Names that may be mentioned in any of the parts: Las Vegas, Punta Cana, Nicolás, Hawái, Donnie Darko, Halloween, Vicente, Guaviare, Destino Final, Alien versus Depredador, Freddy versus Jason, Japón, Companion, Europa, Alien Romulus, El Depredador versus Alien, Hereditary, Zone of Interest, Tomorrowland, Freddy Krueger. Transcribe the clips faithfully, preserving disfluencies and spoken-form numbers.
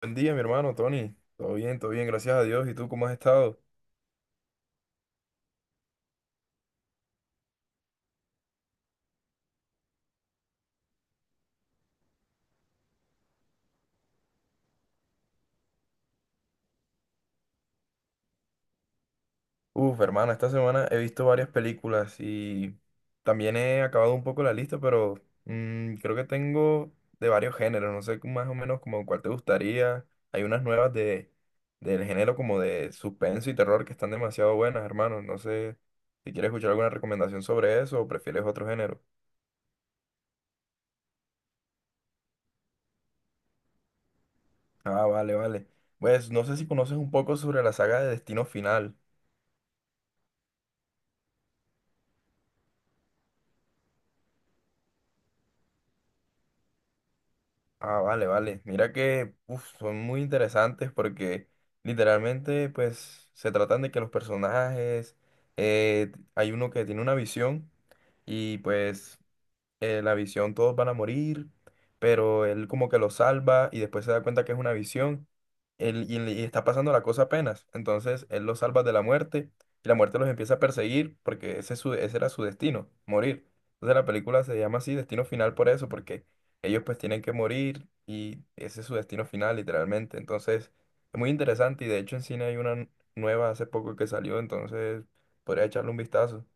Buen día, mi hermano Tony. Todo bien, todo bien, gracias a Dios. ¿Y tú cómo has estado? Uf, hermana, esta semana he visto varias películas y también he acabado un poco la lista, pero mm, creo que tengo de varios géneros. No sé cómo- más o menos como cuál te gustaría. Hay unas nuevas de del género como de suspenso y terror que están demasiado buenas, hermano. No sé si quieres escuchar alguna recomendación sobre eso o prefieres otro género. Ah, vale, vale. Pues no sé si conoces un poco sobre la saga de Destino Final. Ah, vale, vale. Mira que uf, son muy interesantes porque literalmente pues se tratan de que los personajes, eh, hay uno que tiene una visión y pues eh, la visión, todos van a morir, pero él como que lo salva y después se da cuenta que es una visión él- y, y está pasando la cosa apenas. Entonces él los salva de la muerte y la muerte los empieza a perseguir porque ese, es su- ese era su destino, morir. Entonces la película se llama así, Destino Final por eso, porque ellos pues tienen que morir y ese es su destino final literalmente. Entonces es muy interesante y de hecho en cine hay una nueva hace poco que salió, entonces podría echarle un vistazo.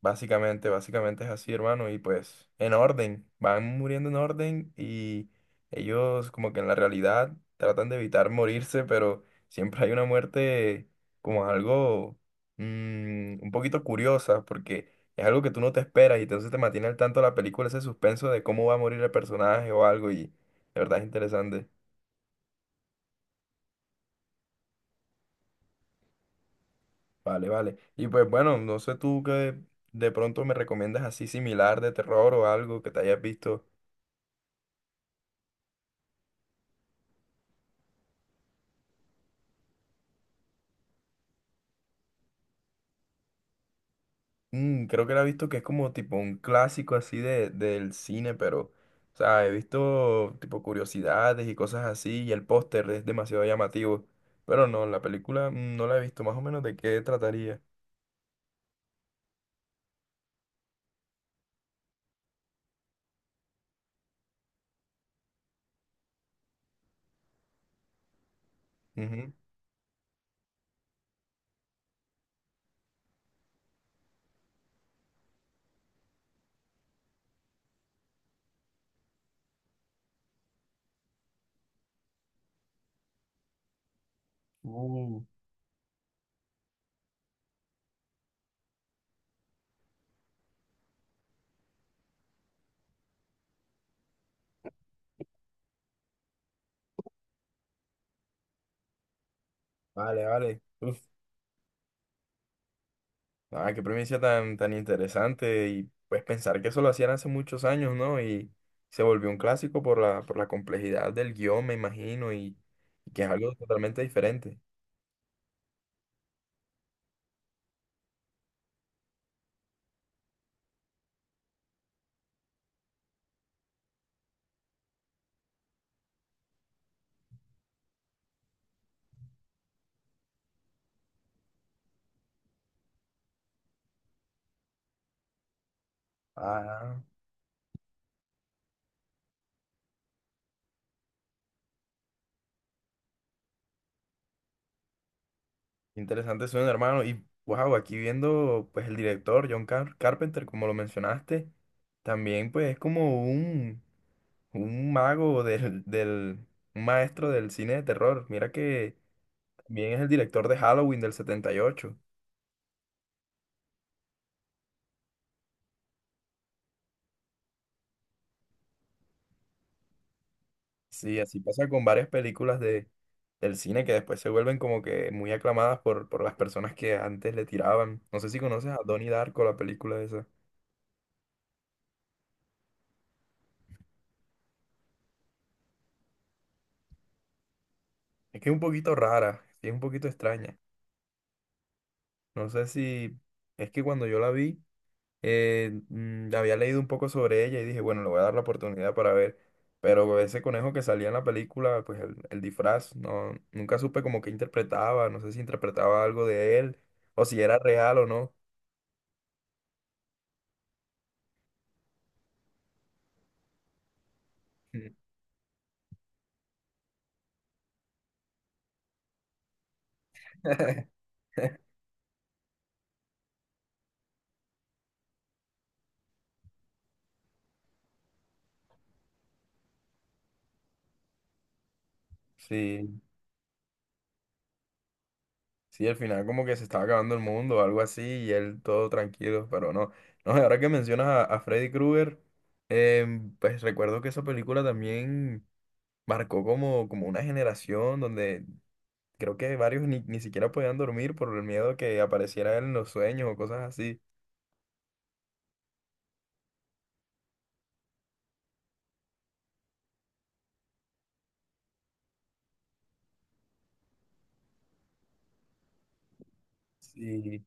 Básicamente, básicamente es así, hermano, y pues en orden, van muriendo en orden y ellos como que en la realidad tratan de evitar morirse, pero siempre hay una muerte como algo mm, un poquito curiosa, porque es algo que tú no te esperas y entonces te mantiene al tanto la película ese suspenso de cómo va a morir el personaje o algo y de verdad es interesante. Vale, vale. Y pues bueno, no sé tú qué de pronto me recomiendas así similar de terror o algo que te hayas visto. Mm, creo que la he visto, que es como tipo un clásico así de, del cine, pero, o sea, he visto tipo curiosidades y cosas así, y el póster es demasiado llamativo. Pero no, la película mm, no la he visto, más o menos de qué trataría. Ujú. Uh, vale, vale. Uf, ah, qué premisa tan, tan interesante. Y pues pensar que eso lo hacían hace muchos años, ¿no? Y se volvió un clásico por la, por la complejidad del guión, me imagino, y, y que es algo totalmente diferente. Ah. Interesante suena, hermano. Y wow, aquí viendo pues el director John Car- Carpenter, como lo mencionaste, también pues es como un, un mago del, del, un maestro del cine de terror. Mira que también es el director de Halloween del setenta y ocho. Sí, así pasa con varias películas de, del cine que después se vuelven como que muy aclamadas por, por las personas que antes le tiraban. No sé si conoces a Donnie Darko, la película esa. Es que es un poquito rara, sí, es un poquito extraña. No sé si es que cuando yo la vi, eh, mm, había leído un poco sobre ella y dije, bueno, le voy a dar la oportunidad para ver. Pero ese conejo que salía en la película, pues el, el disfraz, no, nunca supe como que interpretaba, no sé si interpretaba algo de él o si era real o no. Sí, sí, al final como que se estaba acabando el mundo o algo así y él todo tranquilo, pero no. No, y ahora que mencionas a, a Freddy Krueger, em, pues recuerdo que esa película también marcó como, como una generación donde creo que varios ni, ni siquiera podían dormir por el miedo que apareciera él en los sueños o cosas así. Sí,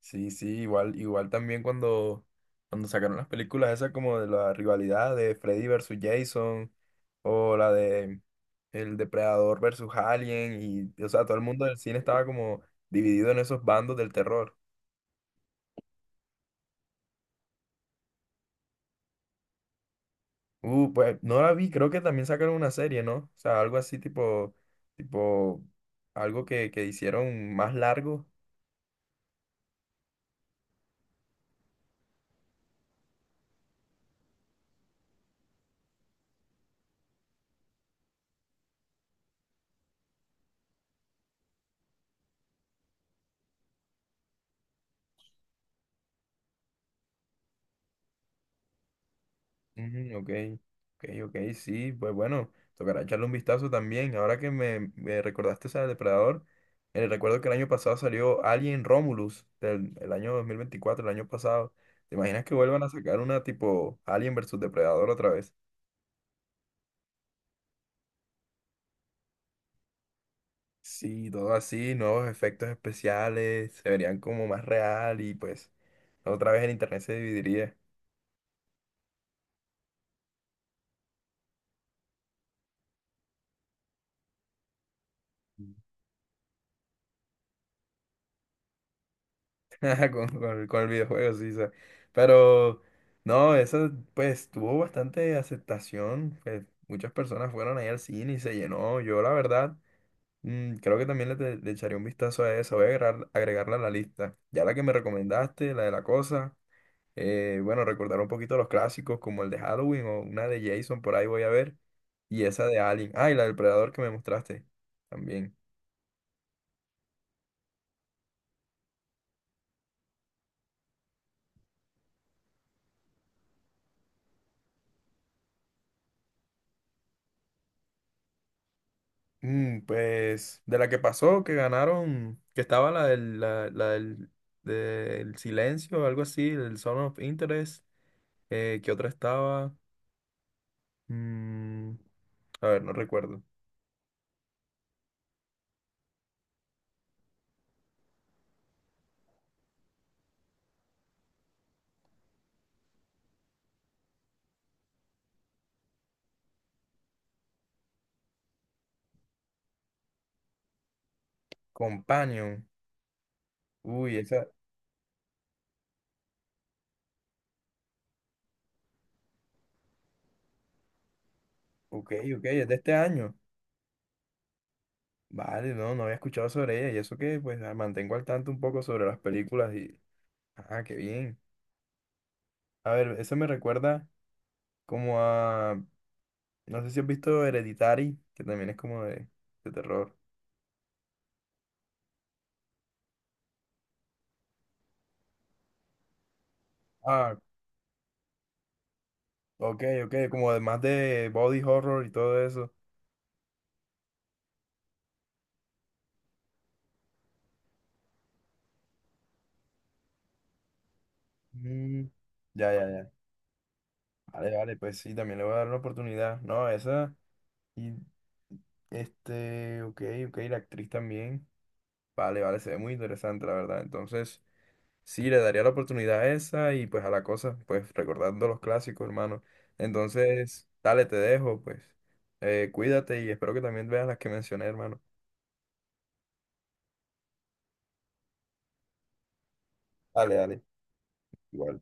sí, sí, igual, igual también cuando, cuando sacaron las películas esas como de la rivalidad de Freddy versus Jason o la de El Depredador versus Alien y, o sea, todo el mundo del cine estaba como dividido en esos bandos del terror. Uh, pues no la vi, creo que también sacaron una serie, ¿no? O sea, algo así tipo, tipo, algo que, que hicieron más largo. Ujú, ok, ok, ok, sí, pues bueno, tocará echarle un vistazo también. Ahora que me, me recordaste esa de Depredador, eh, recuerdo que el año pasado salió Alien Romulus, del el año dos mil veinticuatro el año pasado. ¿Te imaginas que vuelvan a sacar una tipo Alien versus Depredador otra vez? Sí, todo así, nuevos efectos especiales, se verían como más real y pues... Otra vez el internet se dividiría. con, con- con el videojuego, sí, o sea, pero no, eso pues tuvo bastante aceptación. Pues, muchas personas fueron ahí al cine y se llenó. Yo, la verdad, mm, creo que también le, te- le echaré un vistazo a eso. Voy a agregar- agregarla a la lista. Ya la que me recomendaste, la de la cosa. Eh, bueno, recordar un poquito los clásicos como el de Halloween o una de Jason, por ahí voy a ver. Y esa de Alien. Ah, y la del Predador que me mostraste también. Mm, pues de la que pasó, que ganaron, que estaba la del, la, la del, del silencio, algo así, del Zone of Interest, eh, que otra estaba, mm, a ver, no recuerdo, Companion, uy, esa, ok, ok, es de este año, vale, no, no había escuchado sobre ella, y eso que, pues, la mantengo al tanto un poco sobre las películas y, ah, qué bien, a ver, eso me recuerda como a, no sé si has visto Hereditary, que también es como de de terror. Ah. Ok, ok, como además de body horror y todo eso. Mm, ya, ya, ya. Vale, vale, pues sí, también le voy a dar una oportunidad. No, esa. Y este, ok, ok, la actriz también. Vale, vale, se ve muy interesante, la verdad. Entonces, sí, le daría la oportunidad a esa y pues a la cosa, pues recordando los clásicos, hermano. Entonces, dale, te dejo, pues. Eh, cuídate y espero que también veas las que mencioné, hermano. Dale, dale. Igual.